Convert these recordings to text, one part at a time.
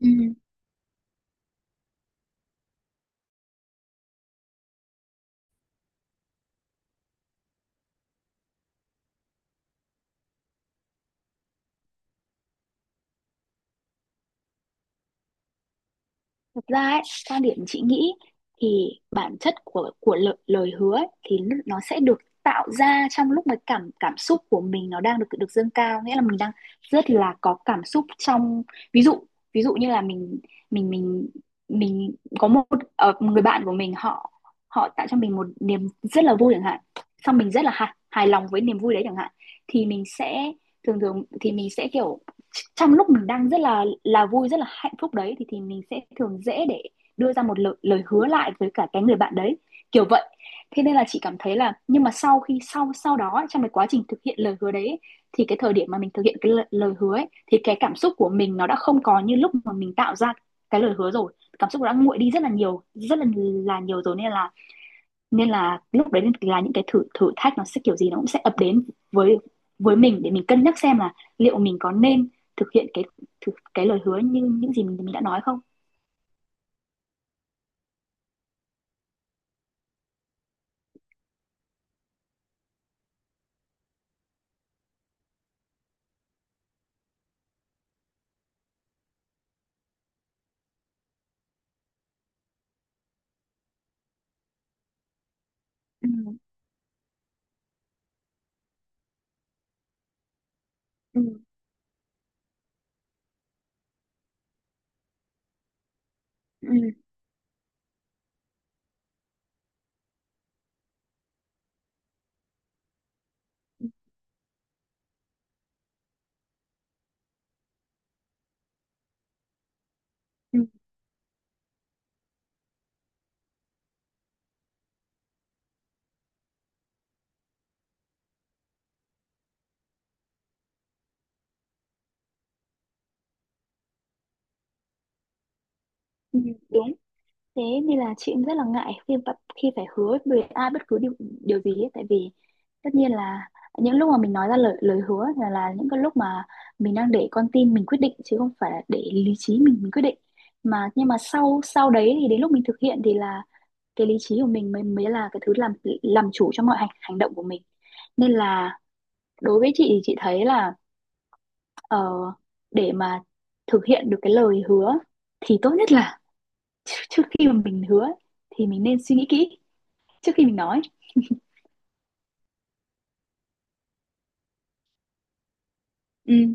Ừ, thật ra ấy, quan điểm chị nghĩ thì bản chất của lời hứa ấy, thì nó sẽ được tạo ra trong lúc mà cảm cảm xúc của mình nó đang được được dâng cao, nghĩa là mình đang rất là có cảm xúc trong. Ví dụ, ví dụ như là mình mình mình có một một người bạn của mình, họ họ tạo cho mình một niềm rất là vui chẳng hạn, xong mình rất là hài lòng với niềm vui đấy chẳng hạn. Thì mình sẽ, thường thường thì mình sẽ kiểu, trong lúc mình đang rất là vui, rất là hạnh phúc đấy, thì mình sẽ thường dễ để đưa ra một lời hứa lại với cả cái người bạn đấy, kiểu vậy. Thế nên là chị cảm thấy là, nhưng mà sau khi sau sau đó, trong cái quá trình thực hiện lời hứa đấy, thì cái thời điểm mà mình thực hiện cái lời hứa ấy, thì cái cảm xúc của mình nó đã không còn như lúc mà mình tạo ra cái lời hứa rồi. Cảm xúc đã nguội đi rất là nhiều, rất là nhiều rồi, nên là, nên là lúc đấy là những cái thử thử thách nó sẽ kiểu gì nó cũng sẽ ập đến với với mình để mình cân nhắc xem là liệu mình có nên thực hiện cái cái lời hứa như những gì mình đã nói không. Ừ, ừ, ừ, ừ, ừ, đúng. Thế nên là chị cũng rất là ngại khi khi phải hứa với ai bất cứ điều điều gì ấy. Tại vì tất nhiên là những lúc mà mình nói ra lời lời hứa là những cái lúc mà mình đang để con tim mình quyết định chứ không phải là để lý trí mình quyết định. Mà nhưng mà sau sau đấy thì đến lúc mình thực hiện thì là cái lý trí của mình mới mới là cái thứ làm chủ cho mọi hành hành động của mình. Nên là đối với chị thì chị thấy là, ờ, để mà thực hiện được cái lời hứa thì tốt nhất là trước khi mà mình hứa thì mình nên suy nghĩ kỹ trước khi mình nói. Ừ,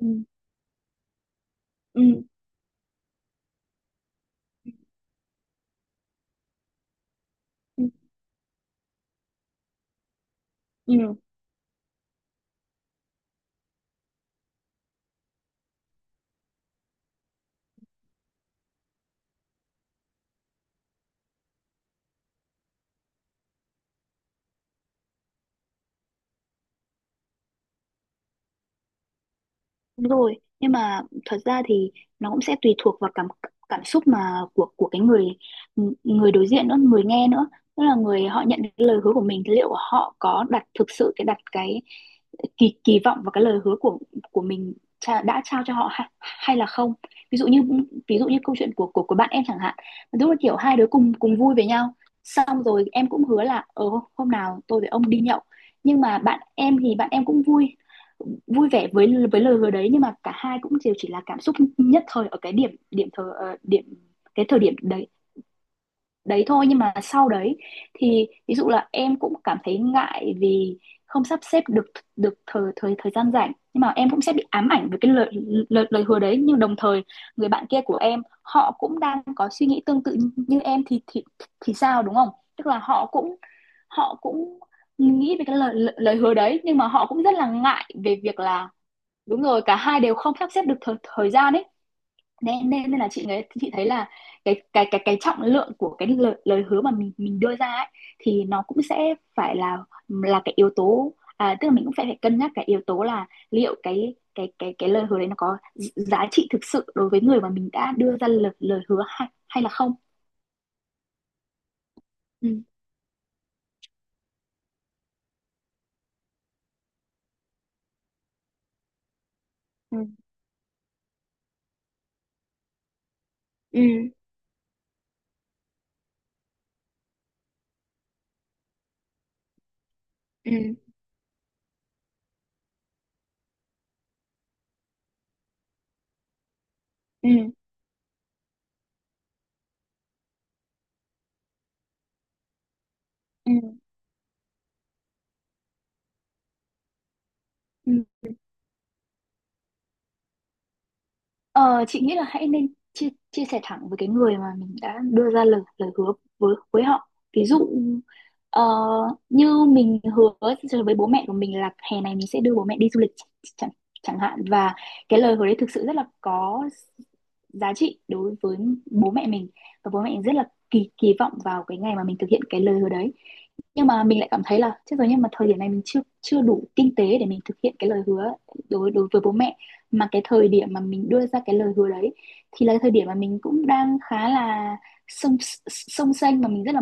ừ, ừ, ừ, ừ. Đúng rồi, nhưng mà thật ra thì nó cũng sẽ tùy thuộc vào cảm cảm xúc mà của cái người người đối diện nữa, người nghe nữa. Tức là người họ nhận được cái lời hứa của mình thì liệu họ có đặt thực sự cái đặt cái kỳ kỳ vọng vào cái lời hứa của mình đã trao cho họ hay, hay là không. Ví dụ như, ví dụ như câu chuyện của bạn em chẳng hạn, lúc là kiểu hai đứa cùng cùng vui với nhau, xong rồi em cũng hứa là ờ hôm nào tôi với ông đi nhậu. Nhưng mà bạn em thì bạn em cũng vui, vui vẻ với lời hứa đấy, nhưng mà cả hai cũng đều chỉ là cảm xúc nhất thời ở cái điểm điểm thời điểm, cái thời điểm đấy đấy thôi. Nhưng mà sau đấy thì ví dụ là em cũng cảm thấy ngại vì không sắp xếp được được thời thời thời gian rảnh, nhưng mà em cũng sẽ bị ám ảnh với cái lời lời, lời hứa đấy. Nhưng đồng thời người bạn kia của em họ cũng đang có suy nghĩ tương tự như em thì thì sao, đúng không? Tức là họ cũng, họ cũng nghĩ về cái lời lời hứa đấy nhưng mà họ cũng rất là ngại về việc là, đúng rồi, cả hai đều không sắp xếp được thời gian ấy, nên nên nên là chị nghĩ, chị thấy là cái trọng lượng của cái lời hứa mà mình đưa ra ấy, thì nó cũng sẽ phải là cái yếu tố, à, tức là mình cũng phải phải cân nhắc cái yếu tố là liệu cái lời hứa đấy nó có giá trị thực sự đối với người mà mình đã đưa ra lời lời hứa hay, hay là không. Ừ, ừ, ừ, ừ, ừ, ừ. Ờ, chị nghĩ là hãy nên chia chia sẻ thẳng với cái người mà mình đã đưa ra lời lời hứa với họ. Ví dụ ờ, như mình hứa với bố mẹ của mình là hè này mình sẽ đưa bố mẹ đi du lịch chẳng chẳng hạn, và cái lời hứa đấy thực sự rất là có giá trị đối với bố mẹ mình, và bố mẹ mình rất là kỳ kỳ vọng vào cái ngày mà mình thực hiện cái lời hứa đấy. Nhưng mà mình lại cảm thấy là chết rồi, nhưng mà thời điểm này mình chưa chưa đủ kinh tế để mình thực hiện cái lời hứa đối đối với bố mẹ. Mà cái thời điểm mà mình đưa ra cái lời hứa đấy thì là cái thời điểm mà mình cũng đang khá là sông, sông xanh mà mình rất là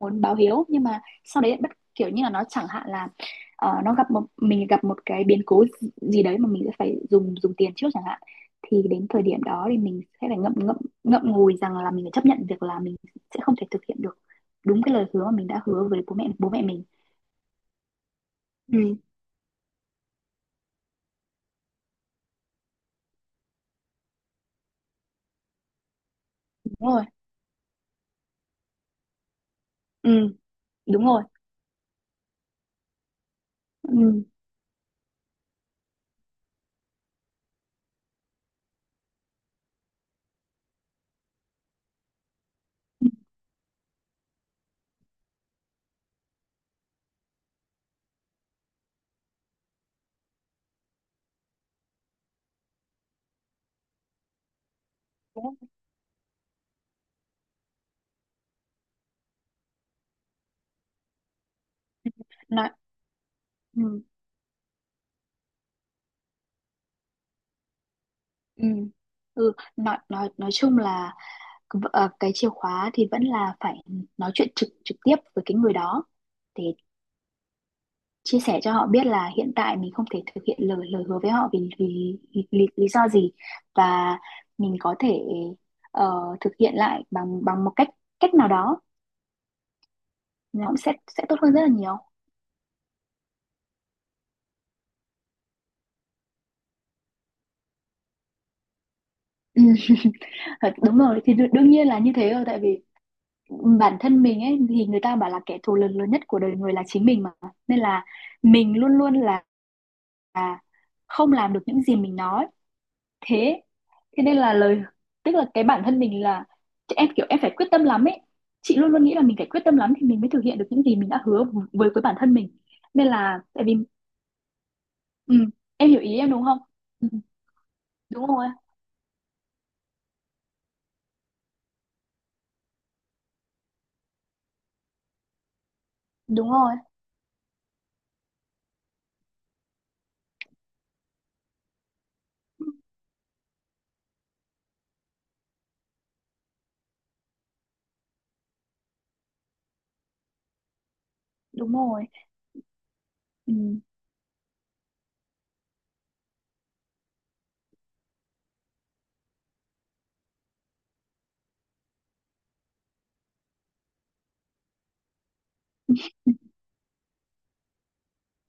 muốn báo hiếu. Nhưng mà sau đấy bất, kiểu như là nó chẳng hạn là ờ, nó gặp một, mình gặp một cái biến cố gì đấy mà mình sẽ phải dùng dùng tiền trước chẳng hạn, thì đến thời điểm đó thì mình sẽ phải ngậm ngậm ngậm ngùi rằng là mình phải chấp nhận việc là mình sẽ không thể thực hiện được đúng cái lời hứa mà mình đã hứa với bố mẹ mình. Ừ, đúng rồi, ừ, đúng rồi, ừ, nói, ừ. Ừ. Ừ. Nói, nói chung là ờ, cái chìa khóa thì vẫn là phải nói chuyện trực trực tiếp với cái người đó, để chia sẻ cho họ biết là hiện tại mình không thể thực hiện lời lời hứa với họ vì vì, vì lý do gì, và mình có thể ờ, thực hiện lại bằng bằng một cách cách nào đó, nó cũng sẽ tốt hơn rất là nhiều. Ừ. Thật, đúng rồi thì đương nhiên là như thế rồi, tại vì bản thân mình ấy thì người ta bảo là kẻ thù lớn lớn nhất của đời người là chính mình mà, nên là mình luôn luôn là không làm được những gì mình nói. Thế, thế nên là lời, tức là cái bản thân mình là, em kiểu em phải quyết tâm lắm ấy, chị luôn luôn nghĩ là mình phải quyết tâm lắm thì mình mới thực hiện được những gì mình đã hứa với bản thân mình, nên là tại vì. Ừ, em hiểu ý em đúng không. Ừ, ừ, đúng rồi, đúng rồi, đúng rồi, ừ.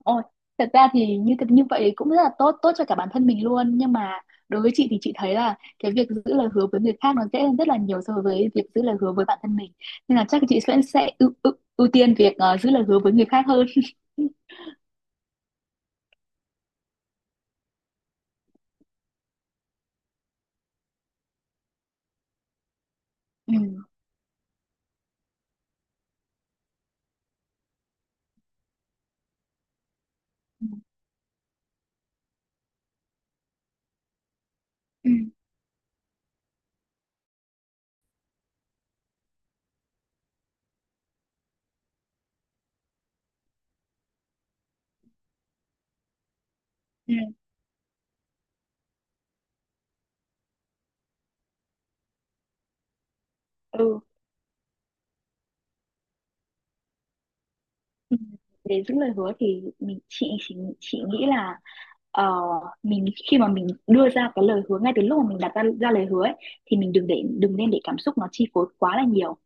Ôi, thật ra thì như vậy cũng rất là tốt tốt cho cả bản thân mình luôn, nhưng mà đối với chị thì chị thấy là cái việc giữ lời hứa với người khác nó dễ hơn rất là nhiều so với việc giữ lời hứa với bản thân mình, nên là chắc chị sẽ ưu tiên việc ờ, giữ lời hứa với người khác hơn. Ừ. Ừ. Ừ. Ừ. Ừ, để giữ lời hứa thì chị chị nghĩ là ờ, mình khi mà mình đưa ra cái lời hứa ngay từ lúc mà mình đặt ra lời hứa ấy, thì mình đừng để đừng nên để cảm xúc nó chi phối quá là nhiều.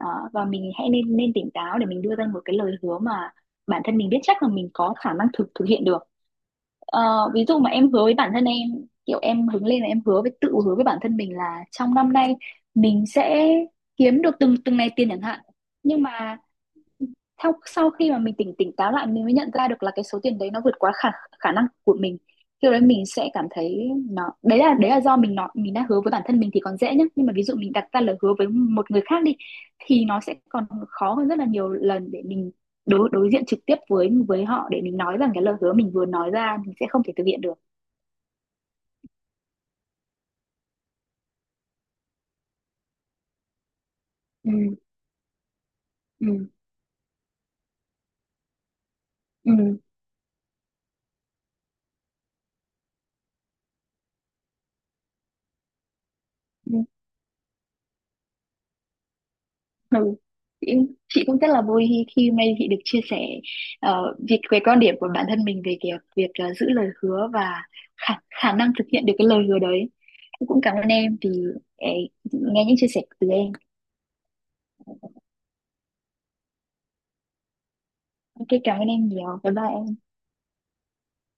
Ờ, và mình hãy nên nên tỉnh táo để mình đưa ra một cái lời hứa mà bản thân mình biết chắc là mình có khả năng thực thực hiện được. Ờ, ví dụ mà em hứa với bản thân em, kiểu em hứng lên là em hứa với, tự hứa với bản thân mình là trong năm nay mình sẽ kiếm được từng từng này tiền chẳng hạn. Nhưng mà sau sau khi mà mình tỉnh tỉnh táo lại mình mới nhận ra được là cái số tiền đấy nó vượt quá khả khả năng của mình. Khi đấy mình sẽ cảm thấy nó, đấy là do mình đã hứa với bản thân mình thì còn dễ nhá, nhưng mà ví dụ mình đặt ra lời hứa với một người khác đi thì nó sẽ còn khó hơn rất là nhiều lần để mình đối đối diện trực tiếp với họ để mình nói rằng cái lời hứa mình vừa nói ra mình sẽ không thể thực hiện được. Ừ, ừ, ừ, ừ. Ừ. Chị, chị cũng rất là vui khi, khi hôm nay chị được chia sẻ ờ, việc về quan điểm của bản thân mình về việc ờ, giữ lời hứa và khả năng thực hiện được cái lời hứa đấy. Em cũng cảm ơn em vì ờ, nghe những chia sẻ từ em. Ok, cảm ơn em nhiều. Bye bye em.